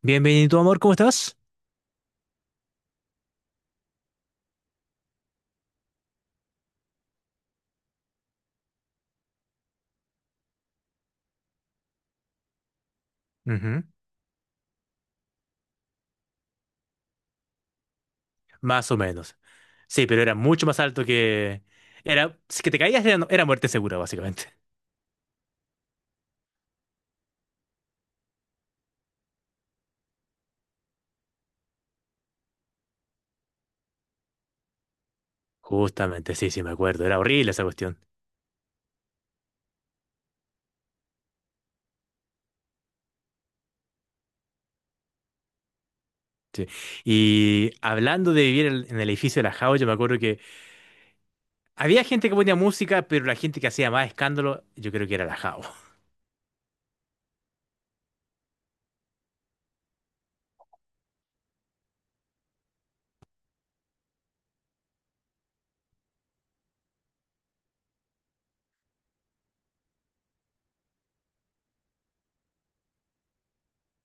Bienvenido, amor, ¿cómo estás? Ujú. Más o menos. Sí, pero era mucho más alto que... Si que te caías era muerte segura, básicamente. Justamente, sí, sí, me acuerdo. Era horrible esa cuestión. Sí. Y hablando de vivir en el edificio de la Jao, yo me acuerdo que había gente que ponía música, pero la gente que hacía más escándalo, yo creo que era la Jao.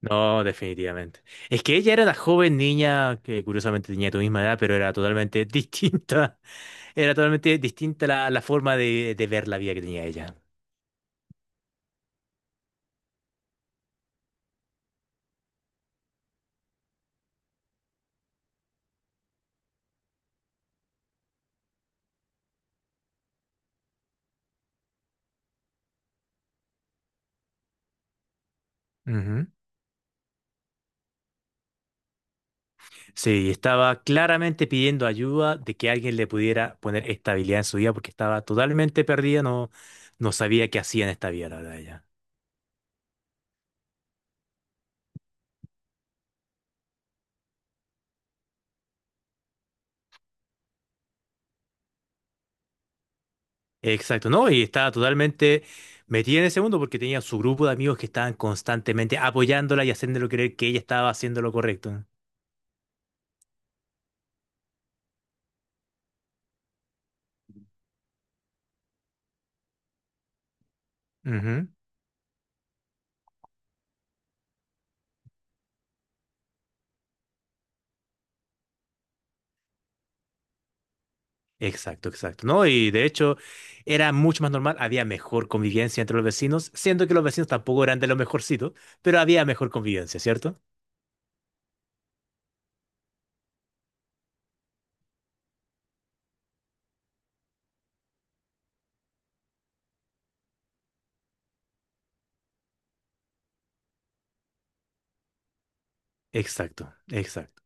No, definitivamente. Es que ella era una joven niña que curiosamente tenía tu misma edad, pero era totalmente distinta. Era totalmente distinta la forma de ver la vida que tenía ella. Ujú. Sí, estaba claramente pidiendo ayuda de que alguien le pudiera poner estabilidad en su vida porque estaba totalmente perdida, no sabía qué hacía en esta vida, la verdad, ella. Exacto, ¿no? Y estaba totalmente metida en ese mundo porque tenía su grupo de amigos que estaban constantemente apoyándola y haciéndole creer que ella estaba haciendo lo correcto. Ujú. Exacto, exacto, ¿no? Y de hecho era mucho más normal, había mejor convivencia entre los vecinos, siendo que los vecinos tampoco eran de los mejorcitos, pero había mejor convivencia, ¿cierto? Exacto, exacto.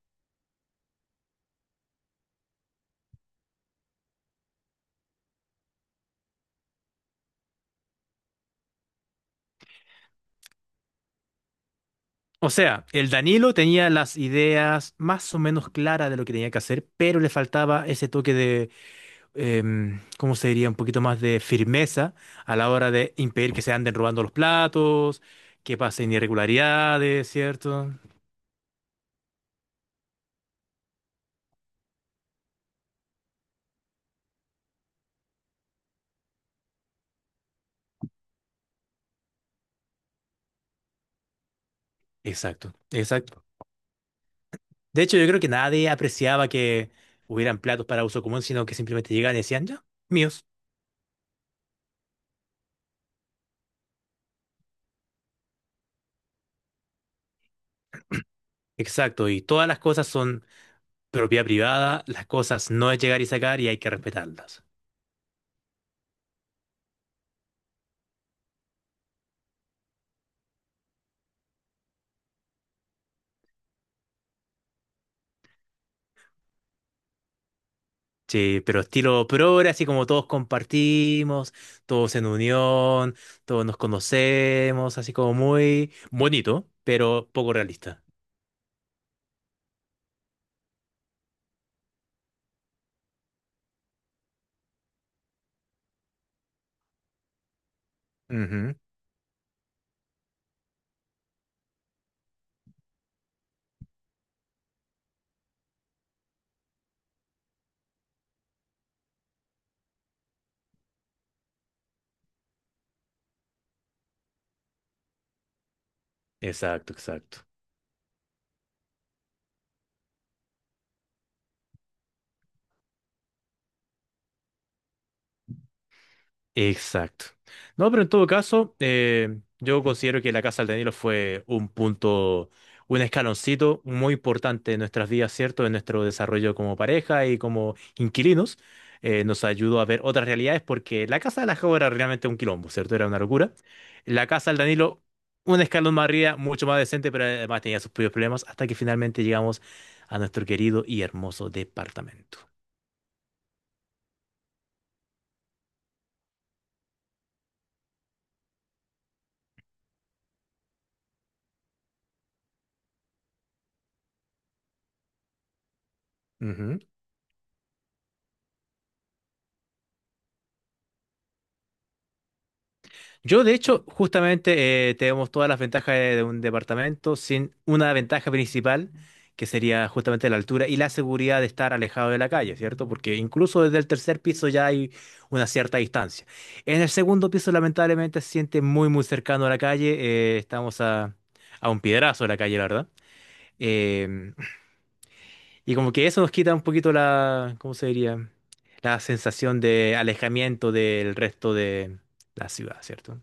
O sea, el Danilo tenía las ideas más o menos claras de lo que tenía que hacer, pero le faltaba ese toque de, ¿cómo se diría? Un poquito más de firmeza a la hora de impedir que se anden robando los platos, que pasen irregularidades, ¿cierto? Exacto, exacto. De hecho, yo creo que nadie apreciaba que hubieran platos para uso común, sino que simplemente llegaban y decían, ya, míos. Exacto, y todas las cosas son propiedad privada, las cosas no es llegar y sacar y hay que respetarlas. Sí, pero estilo progre, así como todos compartimos, todos en unión, todos nos conocemos, así como muy bonito, pero poco realista. Ujú. Exacto, exacto. Exacto. No, pero en todo caso, yo considero que la Casa del Danilo fue un punto, un escaloncito muy importante en nuestras vidas, ¿cierto? En nuestro desarrollo como pareja y como inquilinos. Nos ayudó a ver otras realidades porque la Casa de la Jau era realmente un quilombo, ¿cierto? Era una locura. La Casa del Danilo, un escalón más arriba, mucho más decente, pero además tenía sus propios problemas hasta que finalmente llegamos a nuestro querido y hermoso departamento. Yo, de hecho, justamente tenemos todas las ventajas de un departamento sin una ventaja principal, que sería justamente la altura y la seguridad de estar alejado de la calle, ¿cierto? Porque incluso desde el tercer piso ya hay una cierta distancia. En el segundo piso, lamentablemente, se siente muy, muy cercano a la calle. eh, estamos a, a un piedrazo de la calle, la verdad. Em, y como que eso nos quita un poquito la, ¿cómo se diría? La sensación de alejamiento del resto de la ciudad, ¿cierto?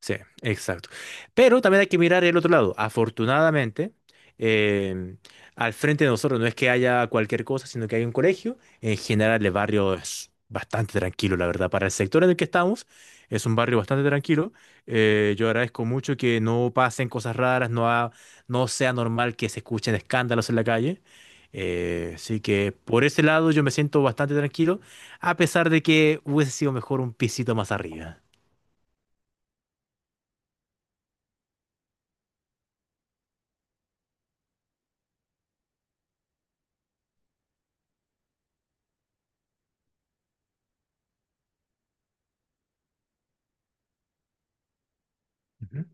Sí, exacto. Pero también hay que mirar el otro lado. Afortunadamente, em, al frente de nosotros no es que haya cualquier cosa, sino que hay un colegio. En general, el barrio es bastante tranquilo, la verdad. Para el sector en el que estamos, es un barrio bastante tranquilo. Yo agradezco mucho que no pasen cosas raras, no sea normal que se escuchen escándalos en la calle. Así que por ese lado yo me siento bastante tranquilo, a pesar de que hubiese sido mejor un pisito más arriba. Ujú.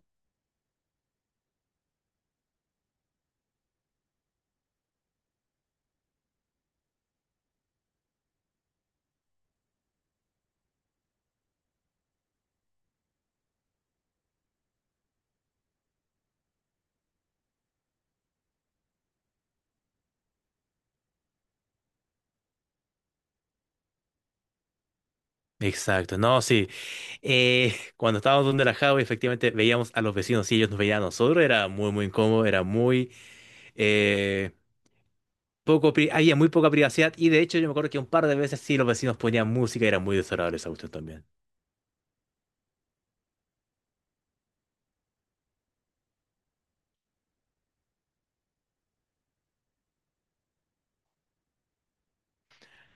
Exacto, no, sí. Cuando estábamos donde la Java, efectivamente veíamos a los vecinos y ellos nos veían a nosotros. Era muy, muy incómodo, era muy eh, había muy poca privacidad. Y de hecho, yo me acuerdo que un par de veces sí los vecinos ponían música y era muy desagradable esa cuestión también.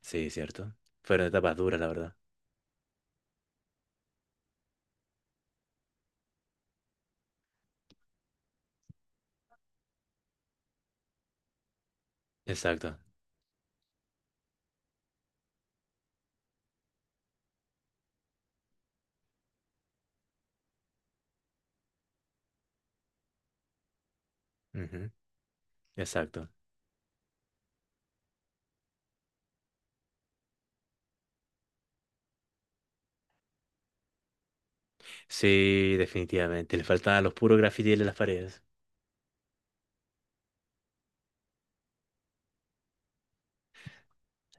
Sí, cierto. Fueron etapas duras, la verdad. Exacto. Ujú. Exacto. Sí, definitivamente. Le faltaban los puros grafitis en las paredes.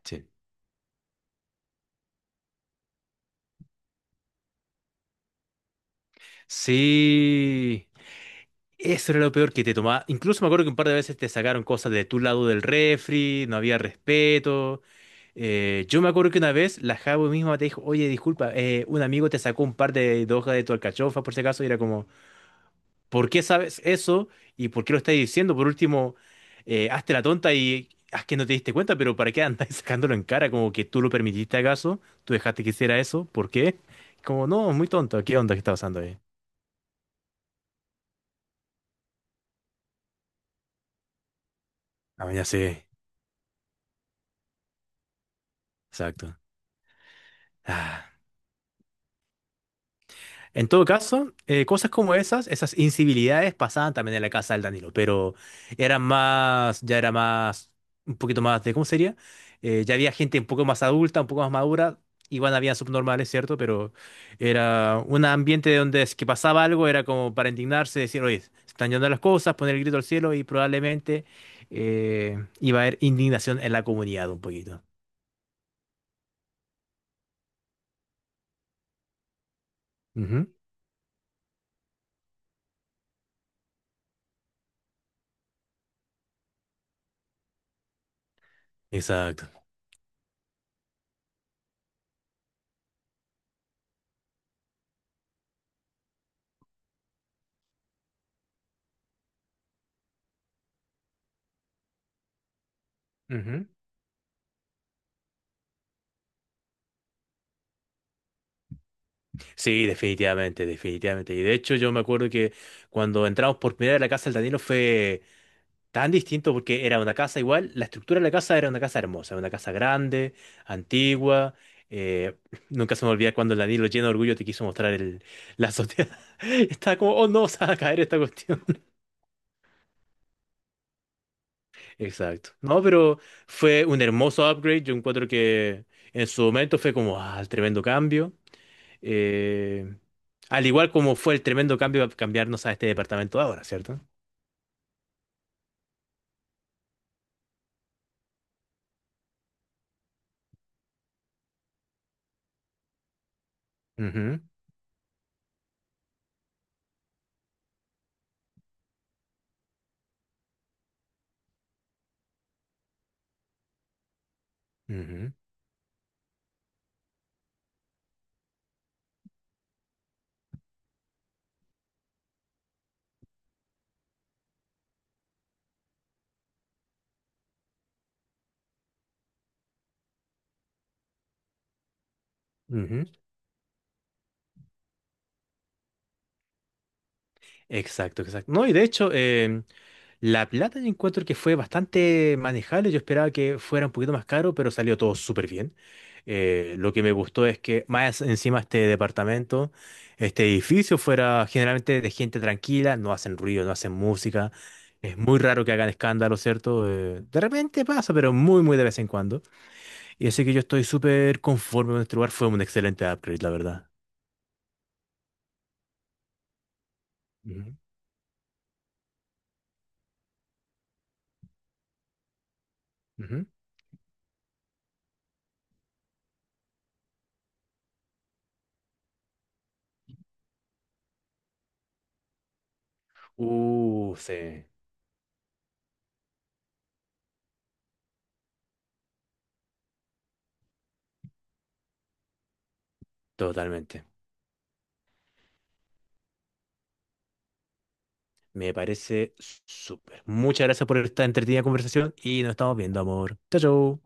Sí. Sí. Eso era lo peor que te tomaba. Incluso me acuerdo que un par de veces te sacaron cosas de tu lado del refri, no había respeto. Yo me acuerdo que una vez la Jabo misma te dijo, oye, disculpa, un amigo te sacó un par de hojas de tu alcachofa por si acaso, y era como, ¿por qué sabes eso? ¿Y por qué lo estás diciendo? Por último, hazte la tonta y haz que no te diste cuenta, pero ¿para qué andas sacándolo en cara? Como que tú lo permitiste acaso, tú dejaste que hiciera eso, ¿por qué? Como, no, muy tonto, ¿qué onda que está pasando ahí? Ah, ya sé, exacto. Ah. En todo caso, cosas como esas, esas incivilidades pasaban también en la casa del Danilo, pero ya era más, un poquito más de, ¿cómo sería? Ya había gente un poco más adulta, un poco más madura, igual había subnormales, ¿cierto? Pero era un ambiente donde es que pasaba algo, era como para indignarse, decir, oye, se están yendo las cosas, poner el grito al cielo y probablemente iba a haber indignación en la comunidad un poquito. Ujú. Exacto. Ujú. Sí, definitivamente, definitivamente. Y de hecho yo me acuerdo que cuando entramos por primera vez a la casa del Danilo fue tan distinto porque era una casa igual, la estructura de la casa era una casa hermosa, una casa grande, antigua. eh, Nunca se me olvida cuando el Danilo lleno de orgullo te quiso mostrar la azotea. Estaba como, oh no, se va a caer esta cuestión. Exacto. No, pero fue un hermoso upgrade. Yo encuentro que en su momento fue como, ah, tremendo cambio. Eh, Al igual como fue el tremendo cambio a cambiarnos a este departamento ahora, ¿cierto? Ujú, ujú, ujú. Exacto, exacto. No, y de hecho, la plata yo encuentro que fue bastante manejable. Yo esperaba que fuera un poquito más caro, pero salió todo súper bien. Lo que me gustó es que más encima este departamento, este edificio fuera generalmente de gente tranquila, no hacen ruido, no hacen música. Es muy raro que hagan escándalo, ¿cierto? De repente pasa, pero muy, muy de vez en cuando. Y así que yo estoy súper conforme con este lugar. Fue un excelente upgrade, la verdad. Ujú, ujú. Sí, totalmente. Me parece súper. Muchas gracias por esta entretenida conversación y nos estamos viendo, amor. Chao, chao.